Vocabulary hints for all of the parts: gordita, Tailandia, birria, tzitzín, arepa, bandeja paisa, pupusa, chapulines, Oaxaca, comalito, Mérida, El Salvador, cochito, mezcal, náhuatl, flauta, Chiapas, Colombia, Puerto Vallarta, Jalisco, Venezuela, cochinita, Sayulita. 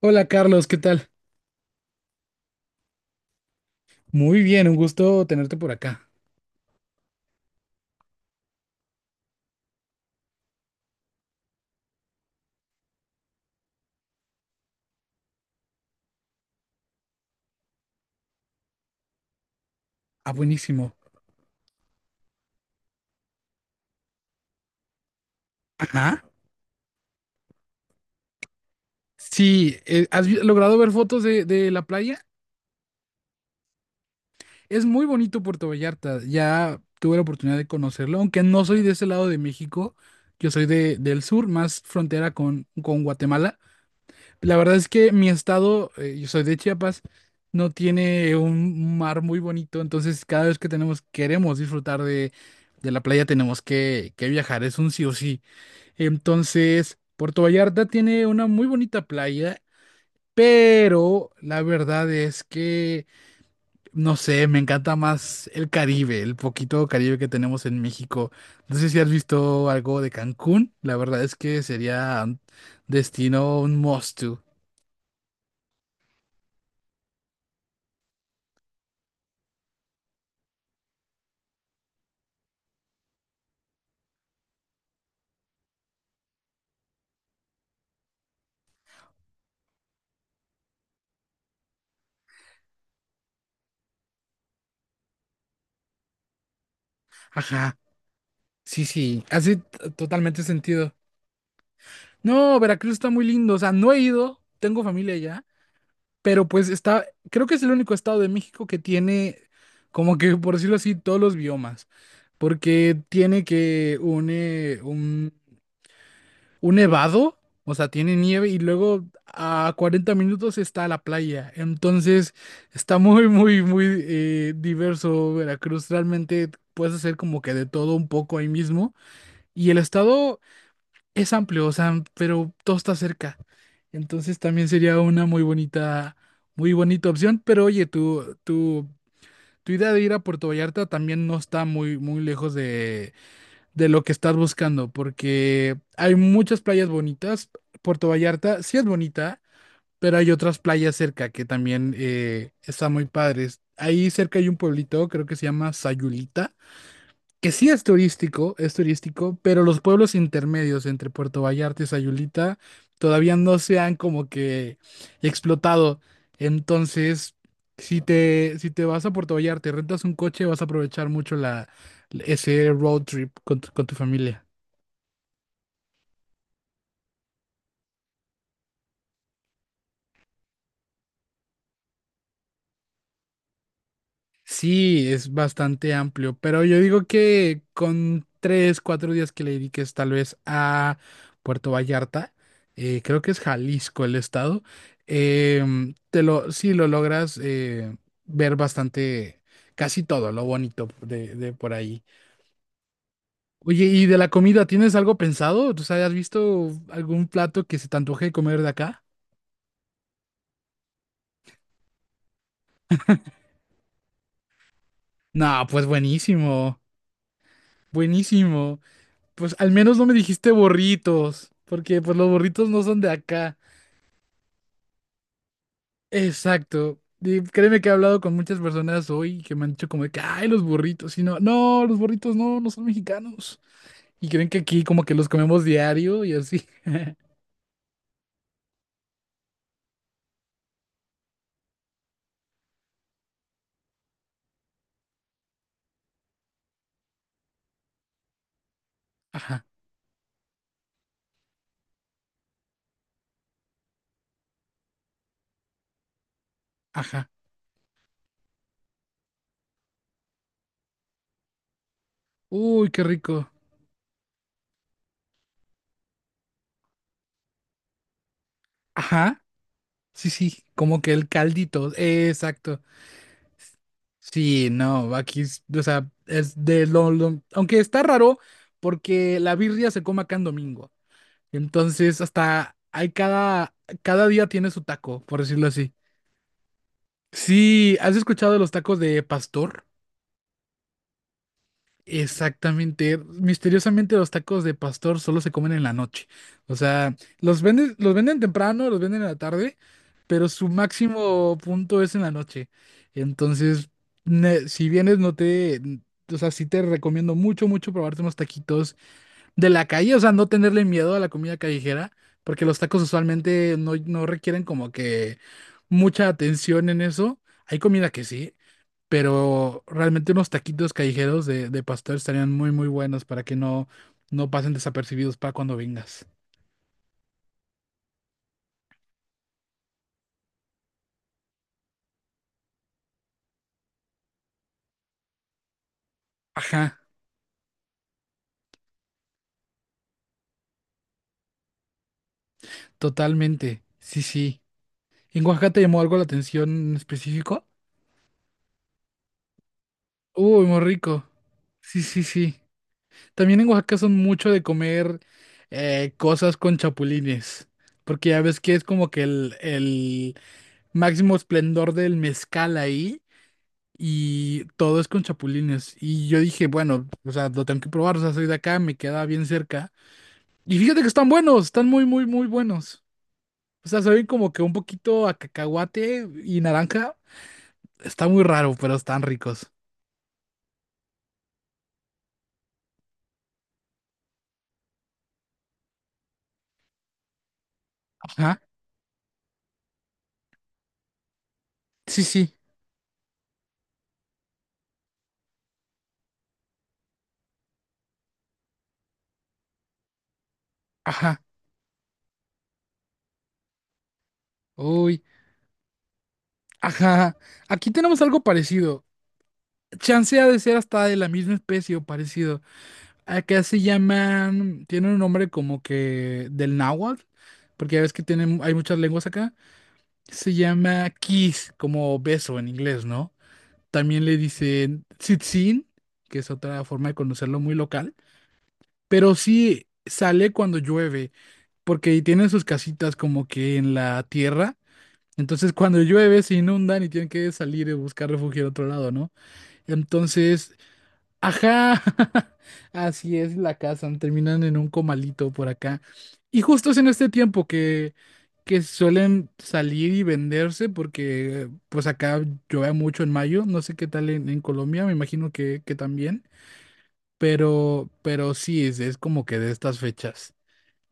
Hola Carlos, ¿qué tal? Muy bien, un gusto tenerte por acá. Ah, buenísimo. Ajá. Sí, ¿has logrado ver fotos de la playa? Es muy bonito Puerto Vallarta. Ya tuve la oportunidad de conocerlo, aunque no soy de ese lado de México. Yo soy del sur, más frontera con Guatemala. La verdad es que mi estado, yo soy de Chiapas, no tiene un mar muy bonito, entonces cada vez que tenemos, queremos disfrutar de la playa, tenemos que viajar, es un sí o sí. Entonces, Puerto Vallarta tiene una muy bonita playa, pero la verdad es que, no sé, me encanta más el Caribe, el poquito Caribe que tenemos en México. No sé si has visto algo de Cancún, la verdad es que sería un destino, un must to. Ajá. Sí, sí, hace totalmente sentido. No, Veracruz está muy lindo, o sea, no he ido, tengo familia allá, pero pues está, creo que es el único estado de México que tiene, como que por decirlo así, todos los biomas, porque tiene que un, un nevado, o sea, tiene nieve y luego a 40 minutos está la playa, entonces está muy, muy, muy diverso Veracruz, realmente puedes hacer como que de todo un poco ahí mismo. Y el estado es amplio, o sea, pero todo está cerca. Entonces también sería una muy bonita opción. Pero oye, tu idea de ir a Puerto Vallarta también no está muy, muy lejos de lo que estás buscando, porque hay muchas playas bonitas. Puerto Vallarta sí es bonita, pero hay otras playas cerca que también están muy padres. Ahí cerca hay un pueblito, creo que se llama Sayulita que sí es turístico, pero los pueblos intermedios entre Puerto Vallarta y Sayulita todavía no se han como que explotado. Entonces, si te vas a Puerto Vallarta y rentas un coche, vas a aprovechar mucho ese road trip con tu familia. Sí, es bastante amplio, pero yo digo que con 3, 4 días que le dediques tal vez a Puerto Vallarta, creo que es Jalisco el estado, sí lo logras ver bastante, casi todo lo bonito de por ahí. Oye, ¿y de la comida tienes algo pensado? ¿Tú sabes, has visto algún plato que se te antoje comer de acá? No, pues buenísimo, buenísimo. Pues al menos no me dijiste burritos, porque pues los burritos no son de acá. Exacto. Y créeme que he hablado con muchas personas hoy que me han dicho como de que, ay, los burritos, y no, no, los burritos no, no son mexicanos. Y creen que aquí como que los comemos diario y así. Ajá, ajá. Uy, qué rico. Ajá. Sí, sí, como que el caldito. Exacto. Sí, no, aquí, o sea, es de lo, aunque está raro porque la birria se come acá en domingo. Entonces, hasta hay cada día tiene su taco, por decirlo así. Sí, ¿has escuchado de los tacos de pastor? Exactamente. Misteriosamente los tacos de pastor solo se comen en la noche. O sea, los venden temprano, los venden en la tarde, pero su máximo punto es en la noche. Entonces, si vienes, no te, o sea, sí te recomiendo mucho, mucho probarte unos taquitos de la calle, o sea, no tenerle miedo a la comida callejera, porque los tacos usualmente no, no requieren como que mucha atención en eso. Hay comida que sí, pero realmente unos taquitos callejeros de pastor estarían muy, muy buenos para que no, no pasen desapercibidos para cuando vengas. Ajá, totalmente. Sí, sí. ¿En Oaxaca te llamó algo la atención en específico? Uy, muy rico. Sí, sí, sí. También en Oaxaca son mucho de comer cosas con chapulines, porque ya ves que es como que el máximo esplendor del mezcal ahí y todo es con chapulines. Y yo dije, bueno, o sea, lo tengo que probar, o sea, soy de acá, me queda bien cerca. Y fíjate que están buenos, están muy, muy, muy buenos. O sea, saben como que un poquito a cacahuate y naranja. Está muy raro, pero están ricos. Ajá. Sí, sí. Ajá. Uy. Ajá. Aquí tenemos algo parecido. Chance ha de ser hasta de la misma especie o parecido. Acá se llaman, tiene un nombre como que del náhuatl, porque ya ves que tienen, hay muchas lenguas acá. Se llama kiss, como beso en inglés, ¿no? También le dicen tzitzín, que es otra forma de conocerlo muy local, pero sí sale cuando llueve, porque tienen sus casitas como que en la tierra. Entonces cuando llueve se inundan y tienen que salir y buscar refugio en otro lado, ¿no? Entonces, ajá, así es, la cazan, terminan en un comalito por acá. Y justo es en este tiempo que suelen salir y venderse porque pues acá llueve mucho en mayo, no sé qué tal en Colombia, me imagino que también, pero sí, es como que de estas fechas.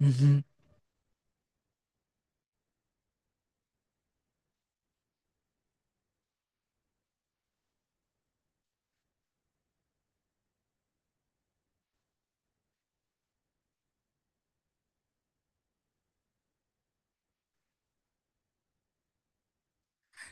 Ujú.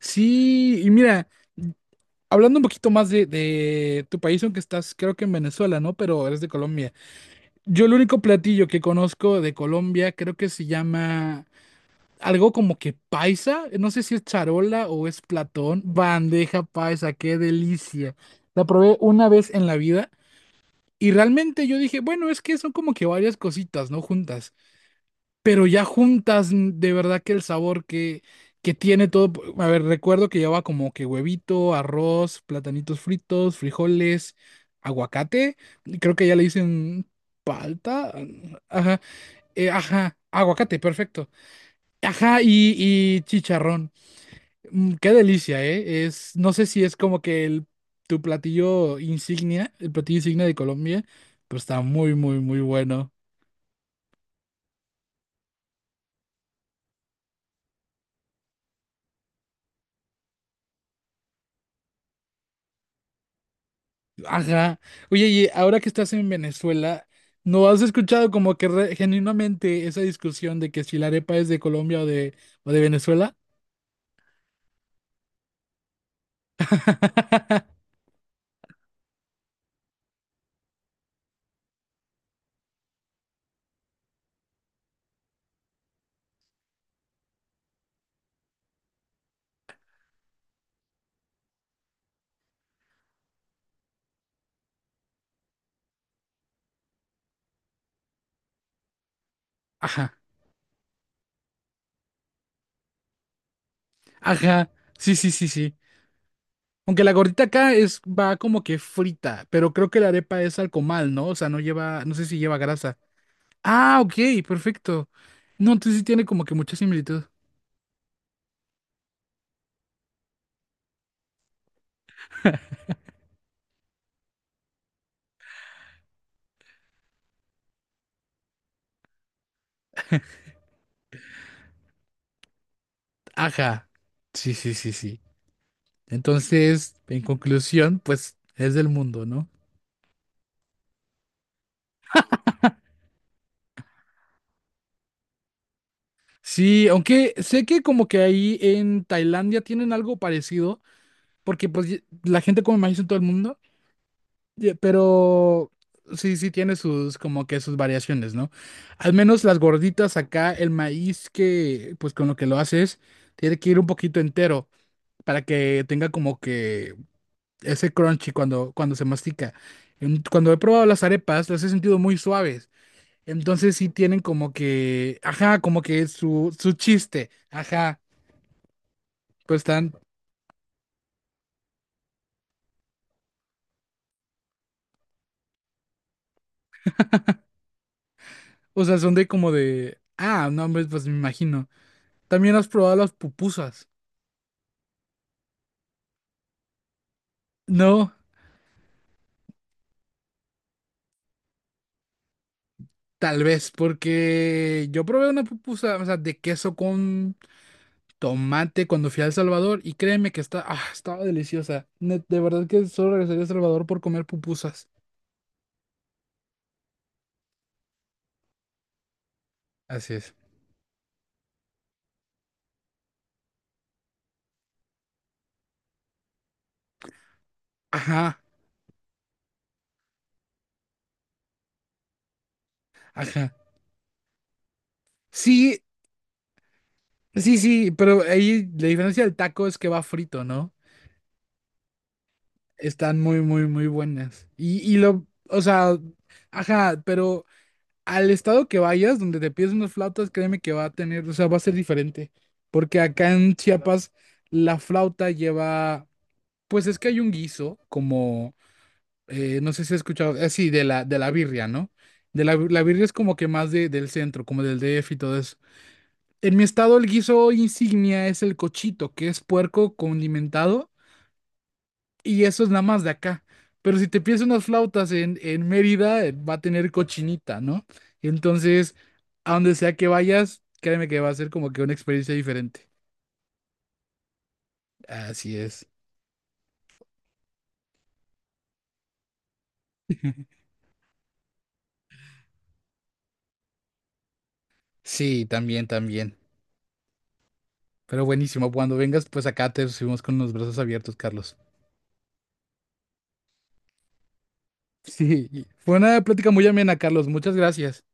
Sí, y mira, hablando un poquito más de tu país, aunque estás creo que en Venezuela, ¿no? Pero eres de Colombia. Yo el único platillo que conozco de Colombia creo que se llama algo como que paisa, no sé si es charola o es platón, bandeja paisa, qué delicia. La probé una vez en la vida y realmente yo dije, bueno, es que son como que varias cositas, ¿no? Juntas, pero ya juntas, de verdad que el sabor que tiene todo, a ver, recuerdo que llevaba como que huevito, arroz, platanitos fritos, frijoles, aguacate, creo que ya le dicen palta, mm, ajá. Ajá, aguacate, perfecto. Ajá, y chicharrón. Qué delicia, ¿eh? Es, no sé si es como que tu platillo insignia, el platillo insignia de Colombia, pero está muy, muy, muy bueno. Ajá. Oye, y ahora que estás en Venezuela, ¿no has escuchado como que genuinamente esa discusión de que si la arepa es de Colombia o de Venezuela? Ajá, ajá. Sí, sí, sí, sí. Aunque la gordita acá es, va como que frita, pero creo que la arepa es al comal, ¿no? O sea, no lleva, no sé si lleva grasa. Ah, ok, perfecto. No, entonces sí tiene como que mucha similitud. Ajá. Sí, sí, sí, sí. Entonces, en conclusión, pues es del mundo, ¿no? Sí, aunque sé que como que ahí en Tailandia tienen algo parecido, porque pues la gente come maíz en todo el mundo, ya, pero sí, sí tiene sus, como que sus variaciones, ¿no? Al menos las gorditas acá, el maíz que, pues con lo que lo haces, tiene que ir un poquito entero para que tenga como que ese crunchy cuando se mastica. Cuando he probado las arepas, las he sentido muy suaves. Entonces sí tienen como que, ajá, como que su chiste, ajá, pues están, o sea, son de como de, no, hombre, pues me imagino. También has probado las pupusas, ¿no? Tal vez, porque yo probé una pupusa, o sea, de queso con tomate cuando fui a El Salvador y créeme que está, estaba deliciosa. De verdad que solo regresaría a El Salvador por comer pupusas. Así es. Ajá, ajá. Sí, sí, sí, pero ahí la diferencia del taco es que va frito, ¿no? Están muy, muy, muy buenas. Y lo, o sea, ajá, pero al estado que vayas, donde te pides unas flautas, créeme que va a tener, o sea, va a ser diferente. Porque acá en Chiapas la flauta lleva, pues es que hay un guiso, como, no sé si has escuchado, así, de la birria, ¿no? La birria es como que más del centro, como del DF y todo eso. En mi estado el guiso insignia es el cochito, que es puerco condimentado y eso es nada más de acá. Pero si te pides unas flautas en Mérida, va a tener cochinita, ¿no? Entonces, a donde sea que vayas, créeme que va a ser como que una experiencia diferente. Así es. Sí, también, también. Pero buenísimo, cuando vengas, pues acá te recibimos con los brazos abiertos, Carlos. Sí, fue una plática muy amena, Carlos. Muchas gracias.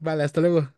Vale, hasta luego.